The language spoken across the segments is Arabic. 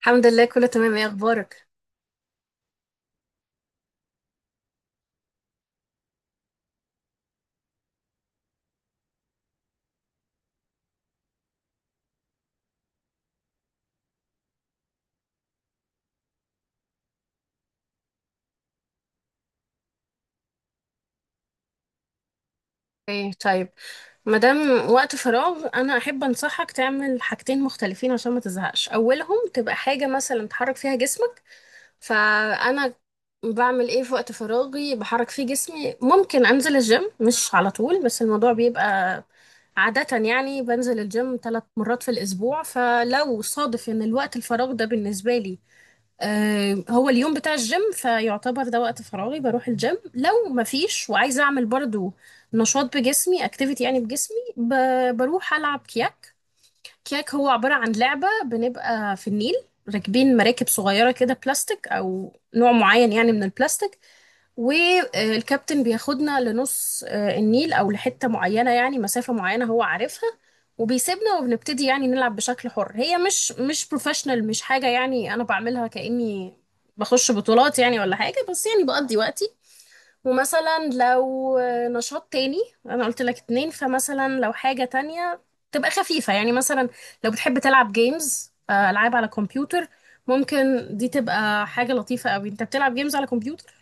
الحمد لله كله تمام، ايه اخبارك؟ ايه طيب، مادام وقت فراغ انا احب انصحك تعمل حاجتين مختلفين عشان ما تزهقش، اولهم تبقى حاجه مثلا تحرك فيها جسمك. فانا بعمل ايه في وقت فراغي؟ بحرك فيه جسمي. ممكن انزل الجيم، مش على طول بس الموضوع بيبقى عادة، يعني بنزل الجيم ثلاث مرات في الأسبوع. فلو صادف إن الوقت الفراغ ده بالنسبة لي هو اليوم بتاع الجيم، فيعتبر ده وقت فراغي بروح الجيم. لو مفيش وعايزة أعمل برضو نشاط بجسمي، اكتيفيتي يعني بجسمي، بروح ألعب كياك. كياك هو عبارة عن لعبة بنبقى في النيل راكبين مراكب صغيرة كده، بلاستيك أو نوع معين يعني من البلاستيك. والكابتن بياخدنا لنص النيل، او لحته معينه يعني مسافه معينه هو عارفها. وبيسيبنا وبنبتدي يعني نلعب بشكل حر، هي مش بروفيشنال، مش حاجه يعني انا بعملها كاني بخش بطولات يعني ولا حاجه، بس يعني بقضي وقتي. ومثلا لو نشاط تاني، انا قلت لك اتنين، فمثلا لو حاجه تانية تبقى خفيفه، يعني مثلا لو بتحب تلعب جيمز، العاب على كمبيوتر، ممكن دي تبقى حاجه لطيفه قوي انت بتلعب جيمز على كمبيوتر.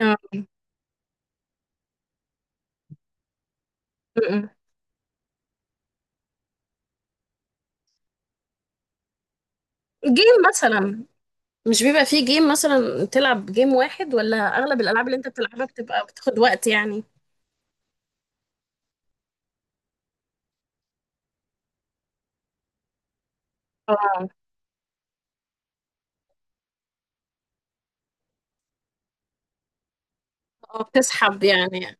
مم. م-م. جيم مثلا، مش بيبقى فيه جيم مثلا تلعب جيم واحد، ولا اغلب الالعاب اللي انت بتلعبها بتبقى بتاخد وقت يعني؟ اه اه بتسحب يعني.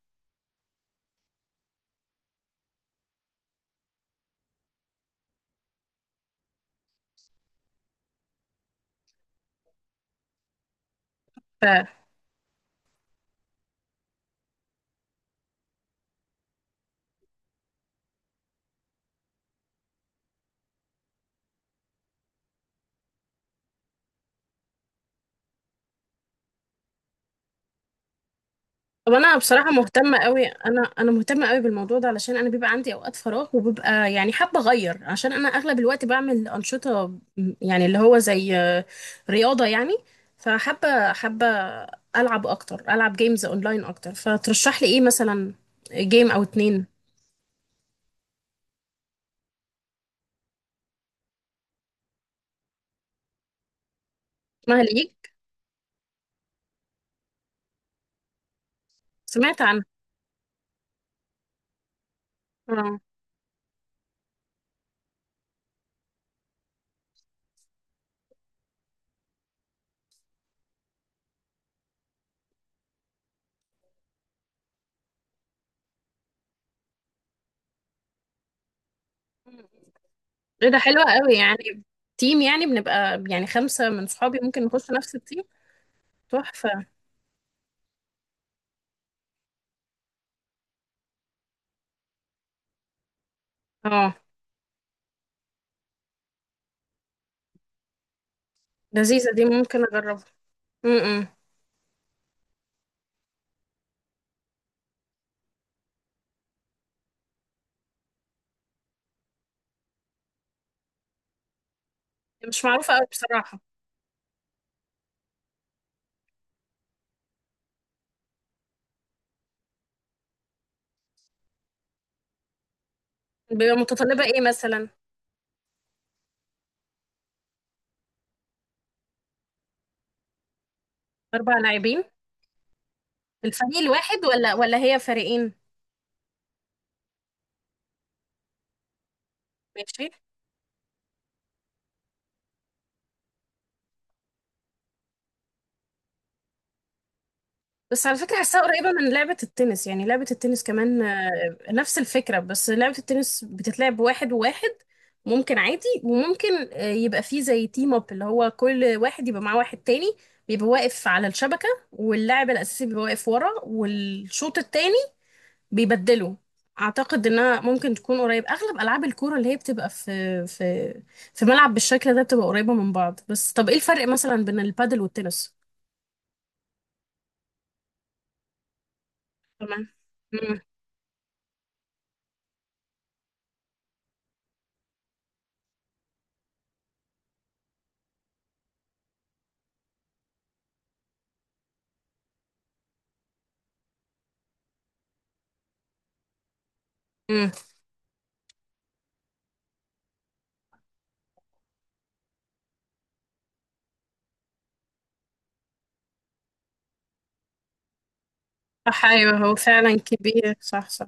ف... طب انا بصراحه مهتمه قوي، انا مهتمه قوي بالموضوع ده علشان انا بيبقى عندي اوقات فراغ وببقى يعني حابه اغير، عشان انا اغلب الوقت بعمل انشطه، يعني اللي هو زي رياضه يعني. فحابه العب اكتر، العب جيمز اونلاين اكتر، فترشح لي ايه مثلا؟ جيم او اتنين؟ اسمها ليج؟ سمعت عنها. اه ايه ده حلوة قوي يعني، تيم يعني بنبقى يعني خمسة من صحابي ممكن نخش نفس التيم. تحفة. اه لذيذة، دي ممكن اجربها. امم مش معروفة قوي بصراحة. بيبقى متطلبة ايه مثلا؟ اربع لاعبين، الفريق الواحد ولا هي فريقين؟ ماشي. بس على فكرة حاساها قريبة من لعبة التنس، يعني لعبة التنس كمان نفس الفكرة، بس لعبة التنس بتتلعب واحد وواحد، ممكن عادي، وممكن يبقى فيه زي تيم اب، اللي هو كل واحد يبقى معاه واحد تاني، بيبقى واقف على الشبكة، واللاعب الأساسي بيبقى واقف ورا، والشوط التاني بيبدله. أعتقد إنها ممكن تكون قريب، أغلب ألعاب الكورة اللي هي بتبقى في ملعب بالشكل ده بتبقى قريبة من بعض. بس طب إيه الفرق مثلا بين البادل والتنس؟ تمام. مم. صح، ايوه هو فعلا كبير، صح صح.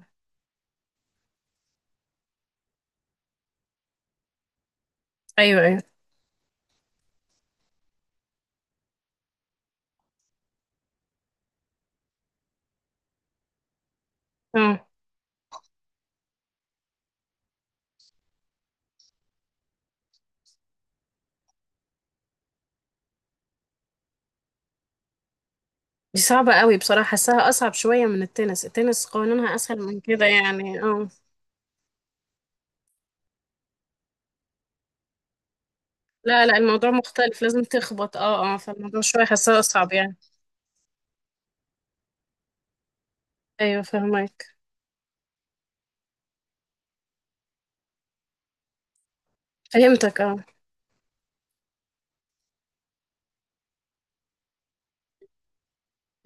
ايوه ايوه اه. دي صعبة قوي بصراحة، حاساها أصعب شوية من التنس، التنس قانونها أسهل من كده يعني، اه. لا لا الموضوع مختلف، لازم تخبط، اه اه، فالموضوع شوية حاساها أصعب يعني. أيوه فهمك. فهمتك اه.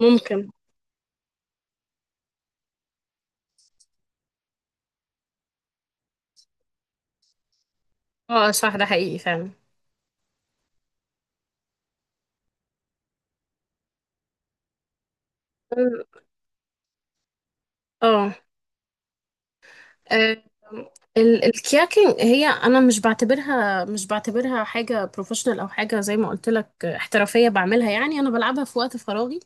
ممكن. اه صح، ده حقيقي فعلا، اه. آه، الكياكينج هي، انا مش بعتبرها حاجه بروفيشنال او حاجه، زي ما قلت لك احترافيه بعملها، يعني انا بلعبها في وقت فراغي.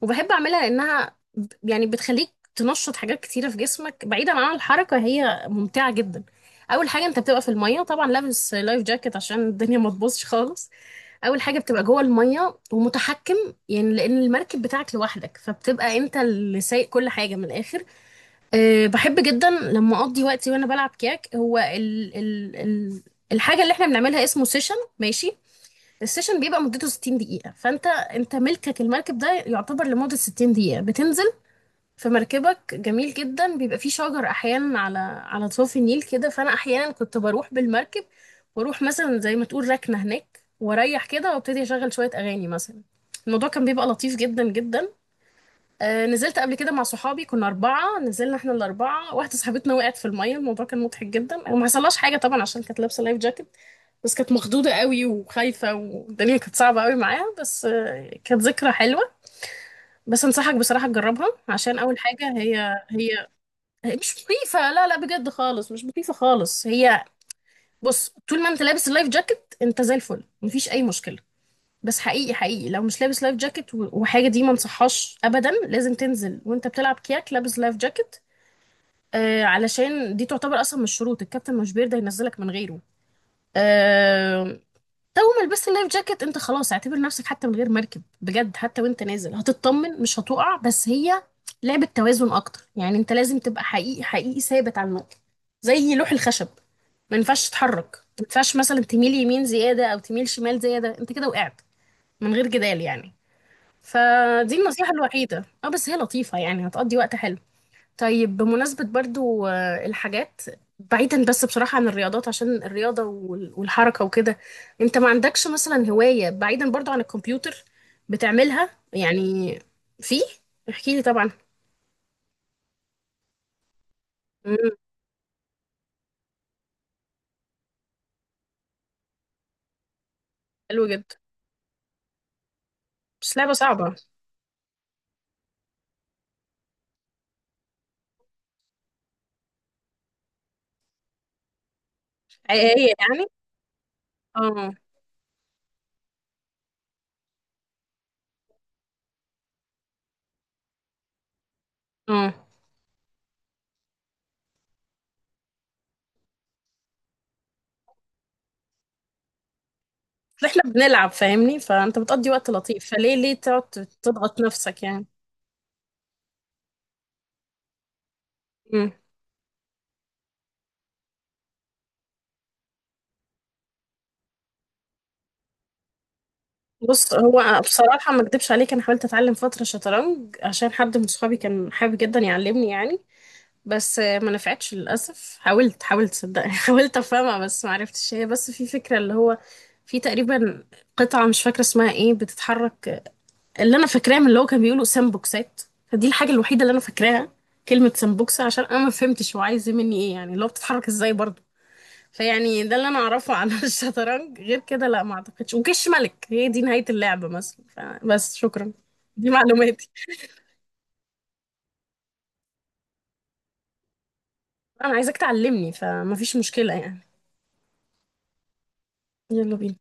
وبحب اعملها لانها يعني بتخليك تنشط حاجات كتيره في جسمك بعيدا عن الحركه، هي ممتعه جدا. اول حاجه انت بتبقى في الميه طبعا لابس لايف جاكيت عشان الدنيا ما تبوظش خالص، اول حاجه بتبقى جوه الميه ومتحكم، يعني لان المركب بتاعك لوحدك فبتبقى انت اللي سايق كل حاجه من الاخر. أه بحب جدا لما اقضي وقتي وانا بلعب كياك، هو ال ال ال الحاجه اللي احنا بنعملها اسمه سيشن ماشي. السيشن بيبقى مدته 60 دقيقه، فانت ملكك المركب ده يعتبر لمده 60 دقيقه، بتنزل في مركبك جميل جدا، بيبقى فيه شجر احيانا على ضفاف النيل كده، فانا احيانا كنت بروح بالمركب واروح مثلا زي ما تقول ركنه هناك، واريح كده وابتدي اشغل شويه اغاني مثلا، الموضوع كان بيبقى لطيف جدا جدا. نزلت قبل كده مع صحابي كنا أربعة، نزلنا احنا الأربعة، واحدة صاحبتنا وقعت في المية، الموضوع كان مضحك جدا، وما حصلهاش حاجة طبعا عشان كانت لابسة لايف جاكيت، بس كانت مخضوضة قوي وخايفة والدنيا كانت صعبة قوي معاها، بس كانت ذكرى حلوة. بس أنصحك بصراحة تجربها، عشان أول حاجة، هي هي هي مش مخيفة، لا لا بجد خالص مش مخيفة خالص. هي بص، طول ما أنت لابس اللايف جاكيت أنت زي الفل، مفيش أي مشكلة. بس حقيقي حقيقي لو مش لابس لايف جاكيت وحاجه، دي ما انصحهاش ابدا، لازم تنزل وانت بتلعب كياك لابس لايف جاكيت. آه علشان دي تعتبر اصلا من الشروط، الكابتن مش بيرضى ينزلك من غيره. آه. تو ما لبست اللايف جاكيت انت خلاص اعتبر نفسك حتى من غير مركب بجد، حتى وانت نازل هتطمن مش هتقع، بس هي لعبه توازن اكتر، يعني انت لازم تبقى حقيقي حقيقي ثابت على النقطه، زي لوح الخشب، ما ينفعش تتحرك، ما ينفعش مثلا تميل يمين زياده او تميل شمال زياده، انت كده وقعت من غير جدال يعني. فدي النصيحة الوحيدة، اه، بس هي لطيفة يعني هتقضي وقت حلو. طيب بمناسبة برضو الحاجات، بعيدا بس بصراحة عن الرياضات، عشان الرياضة والحركة وكده، انت ما عندكش مثلا هواية بعيدا برضو عن الكمبيوتر بتعملها يعني؟ في، احكي لي طبعا. مم، حلو جدا. بس لعبة صعبة. حقيقية يعني؟ اه اه. بس احنا بنلعب، فاهمني، فانت بتقضي وقت لطيف، فليه تقعد تضغط نفسك؟ يعني بص هو بصراحة ما اكدبش عليك، انا حاولت اتعلم فترة شطرنج عشان حد من صحابي كان حابب جدا يعلمني يعني، بس ما نفعتش للأسف، حاولت حاولت صدقني حاولت افهمها بس ما عرفتش، هي بس في فكرة اللي هو، في تقريبا قطعة مش فاكرة اسمها ايه بتتحرك اللي انا فاكراه من اللي هو كان بيقولوا سامبوكسات، فدي الحاجة الوحيدة اللي انا فاكراها، كلمة سامبوكسة عشان انا ما فهمتش هو عايز مني ايه، يعني اللي هو بتتحرك ازاي برضه. فيعني ده اللي انا اعرفه عن الشطرنج، غير كده لا ما اعتقدش، وكش ملك هي دي نهاية اللعبة مثلا، فبس شكرا، دي معلوماتي. انا عايزاك تعلمني فمفيش مشكلة يعني. يلا بينا.